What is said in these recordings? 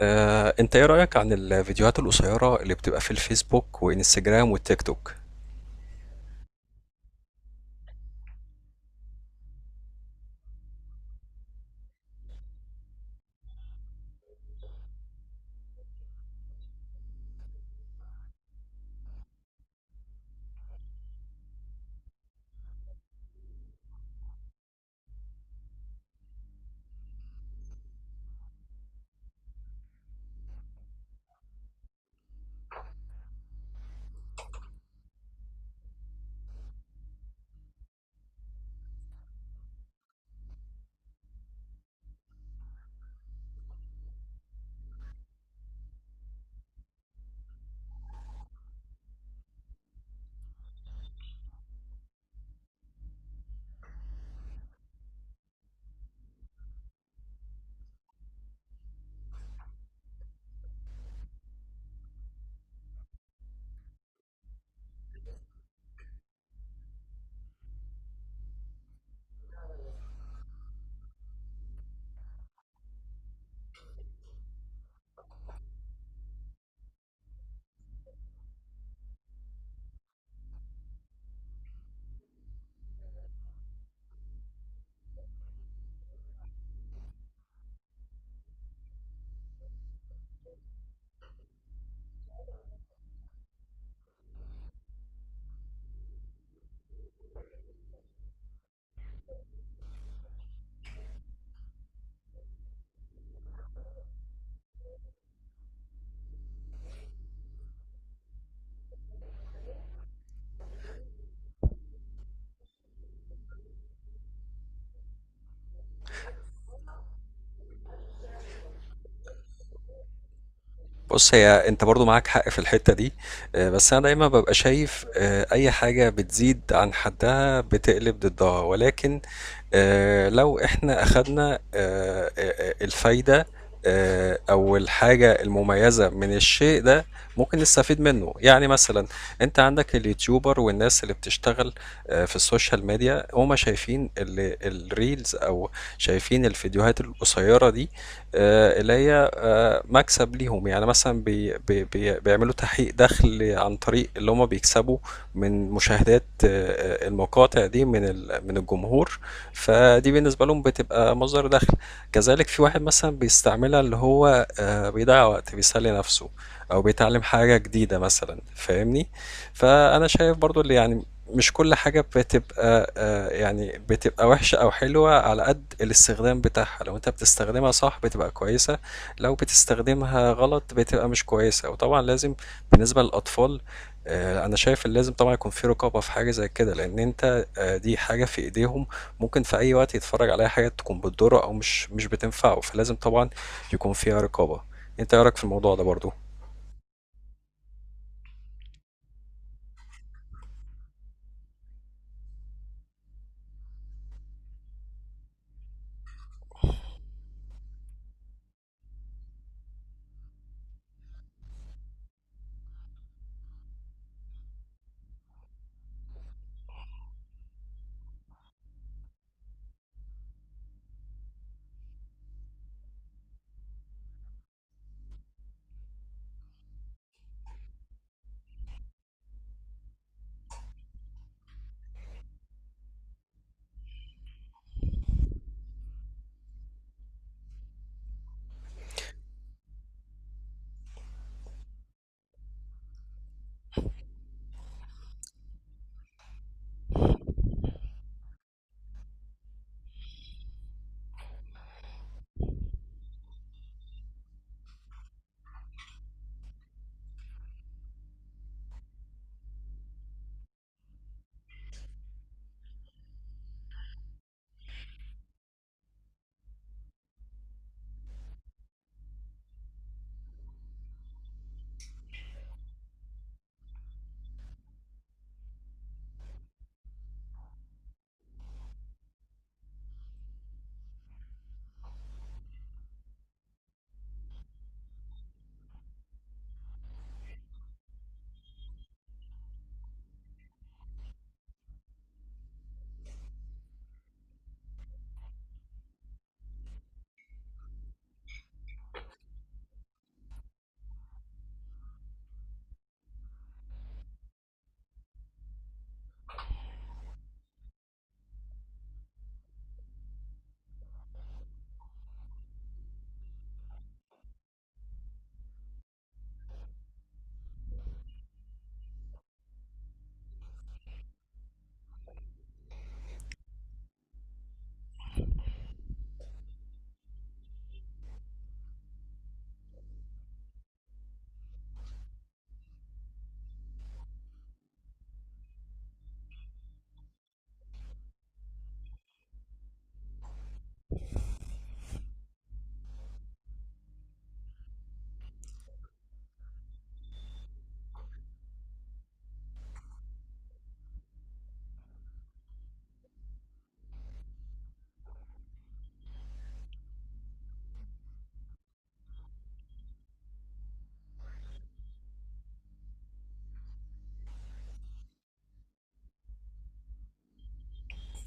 انت ايه رأيك عن الفيديوهات القصيرة اللي بتبقى في الفيسبوك وانستجرام والتيك توك؟ بص، هي انت برضو معاك حق في الحتة دي. بس انا دايما ببقى شايف اي حاجة بتزيد عن حدها بتقلب ضدها، ولكن لو إحنا أخدنا الفايدة أو الحاجة المميزة من الشيء ده، ممكن نستفيد منّه. يعني مثلًا أنت عندك اليوتيوبر والناس اللي بتشتغل في السوشيال ميديا، هم شايفين الreels أو شايفين الفيديوهات القصيّرة دي، اللي هي مكسب ليهم. يعني مثلا بي بي بي بيعملوا تحقيق دخل عن طريق اللي هما بيكسبوا من مشاهدات المقاطع دي من من الجمهور. فدي بالنسبة لهم بتبقى مصدر دخل. كذلك في واحد مثلا بيستعملها، اللي هو بيضيع وقت، بيسلي نفسه او بيتعلم حاجة جديدة مثلا، فاهمني؟ فانا شايف برضو اللي يعني مش كل حاجة بتبقى يعني بتبقى وحشة أو حلوة، على قد الاستخدام بتاعها. لو أنت بتستخدمها صح بتبقى كويسة، لو بتستخدمها غلط بتبقى مش كويسة. وطبعا لازم بالنسبة للأطفال، أنا شايف إن لازم طبعا يكون في رقابة في حاجة زي كده، لأن أنت دي حاجة في إيديهم ممكن في أي وقت يتفرج عليها، حاجة تكون بتضره أو مش بتنفعه. فلازم طبعا يكون فيها رقابة. أنت إيه رأيك في الموضوع ده برضو؟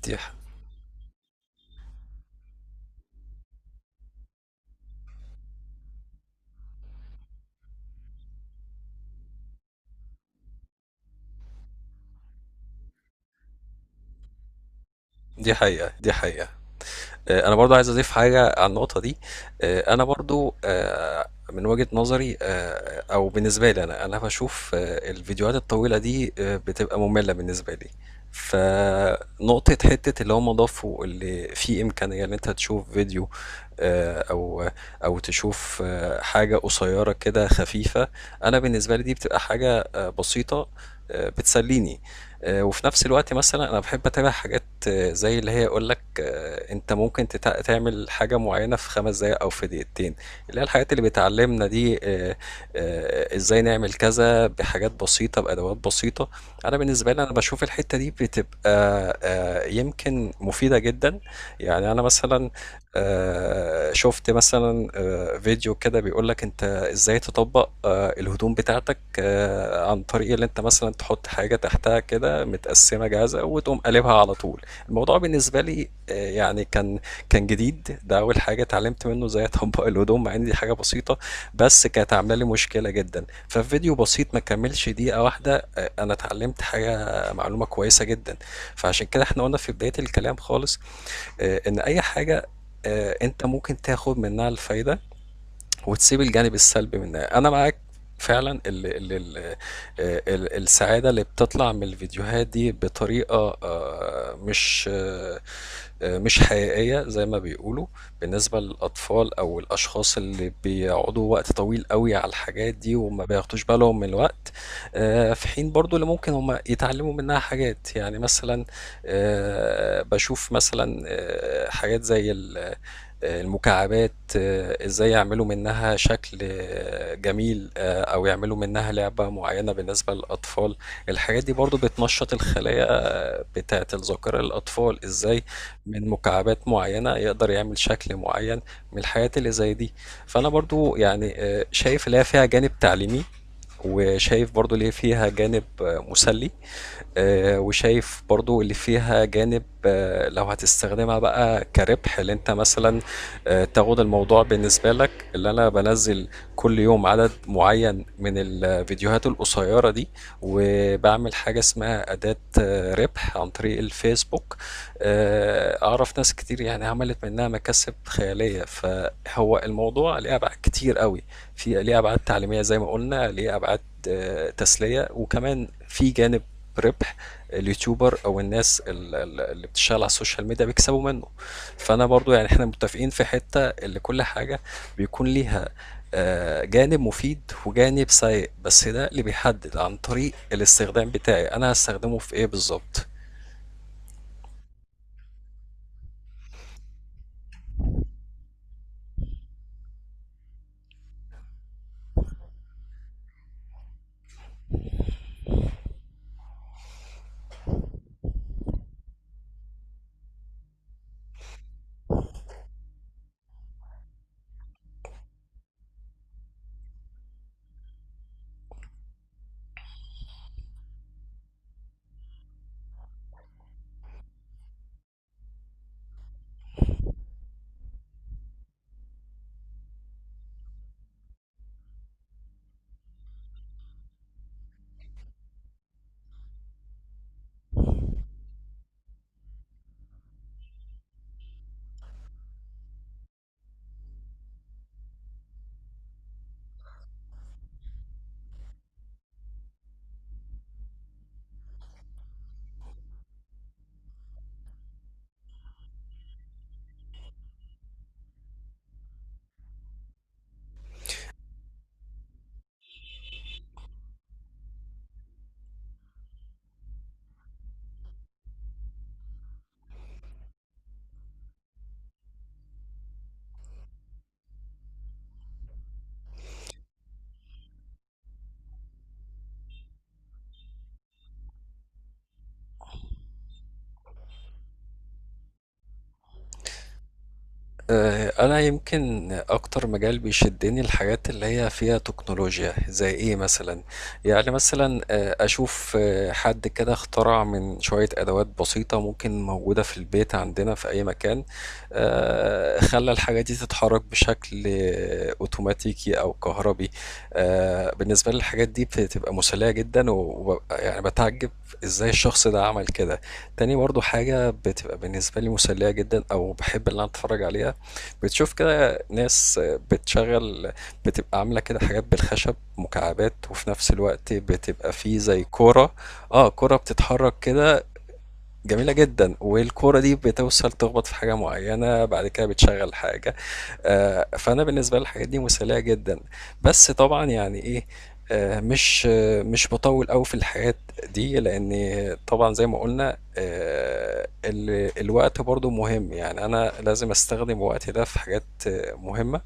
دي ح- دي حقيقة، دي حقيقة. انا برضو عايز اضيف حاجه على النقطه دي. آه، انا برضو آه، من وجهه نظري، او بالنسبه لي، انا بشوف الفيديوهات الطويله دي بتبقى ممله بالنسبه لي. فنقطة حتة اللي هم ضافوا اللي في إمكانية إن أنت تشوف فيديو، آه، أو أو تشوف حاجة قصيرة كده خفيفة. أنا بالنسبة لي دي بتبقى حاجة بسيطة، بتسليني. وفي نفس الوقت مثلا انا بحب اتابع حاجات زي اللي هي يقول لك انت ممكن تعمل حاجه معينه في 5 دقائق او في دقيقتين، اللي هي الحاجات اللي بتعلمنا دي. ازاي نعمل كذا بحاجات بسيطه بادوات بسيطه. انا بالنسبه لي انا بشوف الحته دي بتبقى يمكن مفيده جدا. يعني انا مثلا شفت مثلا فيديو كده بيقول لك انت ازاي تطبق الهدوم بتاعتك عن طريق اللي انت مثلا تحط حاجة تحتها كده متقسمة جاهزة وتقوم قلبها على طول. الموضوع بالنسبة لي يعني كان جديد، ده اول حاجة اتعلمت منه ازاي اطبق الهدوم، مع ان دي حاجة بسيطة بس كانت عاملة لي مشكلة جدا. ففيديو بسيط ما كملش دقيقة واحدة، انا اتعلمت حاجة، معلومة كويسة جدا. فعشان كده احنا قلنا في بداية الكلام خالص ان اي حاجة انت ممكن تاخد منها الفايدة وتسيب الجانب السلبي منها. انا معاك فعلا. ال ال ال ال السعادة اللي بتطلع من الفيديوهات دي بطريقة آه، مش آه، آه، مش حقيقية زي ما بيقولوا، بالنسبة للأطفال أو الأشخاص اللي بيقعدوا وقت طويل قوي على الحاجات دي وما بياخدوش بالهم من الوقت. في حين برضو اللي ممكن هم يتعلموا منها حاجات، يعني مثلا بشوف مثلا حاجات زي المكعبات، ازاي يعملوا منها شكل جميل، او يعملوا منها لعبة معينة. بالنسبة للاطفال، الحاجات دي برضو بتنشط الخلايا بتاعة الذاكرة للاطفال، ازاي من مكعبات معينة يقدر يعمل شكل معين من الحاجات اللي زي دي. فانا برضو يعني شايف ليها فيها جانب تعليمي، وشايف برضو ليه فيها جانب مسلي، وشايف برضو اللي فيها جانب لو هتستخدمها بقى كربح، اللي انت مثلا تاخد الموضوع بالنسبة لك اللي انا بنزل كل يوم عدد معين من الفيديوهات القصيرة دي، وبعمل حاجة اسمها أداة ربح عن طريق الفيسبوك. أعرف ناس كتير يعني عملت منها مكاسب خيالية. فهو الموضوع ليه أبعاد كتير قوي، في ليه أبعاد تعليمية زي ما قلنا، ليه أبعاد تسلية، وكمان في جانب ربح. اليوتيوبر او الناس اللي بتشتغل على السوشيال ميديا بيكسبوا منه. فانا برضو يعني احنا متفقين في حتة اللي كل حاجة بيكون ليها جانب مفيد وجانب سيء، بس ده اللي بيحدد عن طريق الاستخدام بتاعي، انا هستخدمه في ايه بالظبط. انا يمكن اكتر مجال بيشدني الحاجات اللي هي فيها تكنولوجيا. زي ايه مثلا؟ يعني مثلا اشوف حد كده اخترع من شوية ادوات بسيطة ممكن موجودة في البيت عندنا في اي مكان، خلى الحاجة دي تتحرك بشكل اوتوماتيكي او كهربي. بالنسبة لي الحاجات دي بتبقى مسلية جدا، وببقى يعني بتعجب ازاي الشخص ده عمل كده. تاني برضو حاجة بتبقى بالنسبة لي مسلية جدا او بحب ان انا اتفرج عليها، بتشوف كده ناس بتشغل، بتبقى عاملة كده حاجات بالخشب، مكعبات، وفي نفس الوقت بتبقى فيه زي كورة، اه كورة بتتحرك كده جميلة جدا، والكورة دي بتوصل تخبط في حاجة معينة بعد كده بتشغل حاجة. فأنا بالنسبة لي الحاجات دي مسلية جدًا، بس طبعًا يعني إيه، مش باطوّل أوي في الحاجات دي، لإن طبعًا زي ما قُلنا، الوقت برضه مهم، يعني أنا لازم أستخدم وقتي ده في حاجات مهمة،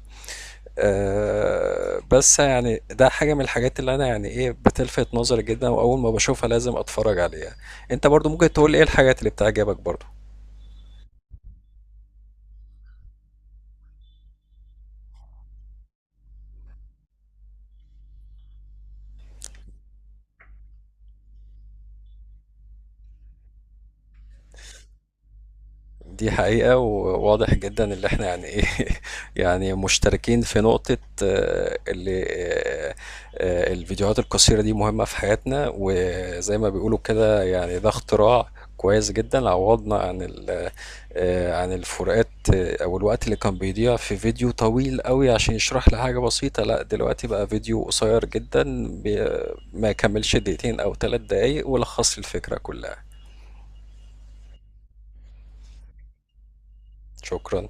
بس يعني ده حاجة من الحاجات اللي أنا يعني إيه، بتلفت نظري جدًا، وأول ما باشوفها لازم أتفرّج عليها. أنت برضه ممكن تقول لي إيه الحاجات اللي بتعجبك برضه؟ دي حقيقة، وواضح جدا اللي احنا يعني ايه يعني مشتركين في نقطة. آه، اللي آه، آه، الفيديوهات القصيرة دي مهمة في حياتنا، وزي ما بيقولوا كده يعني ده اختراع كويس جدا، عوضنا عن عن الفروقات او الوقت اللي كان بيضيع في فيديو طويل قوي عشان يشرح لي حاجة بسيطة. لا دلوقتي بقى فيديو قصير جدا ما يكملش دقيقتين او 3 دقايق، ولخص لي الفكرة كلها. شكرا.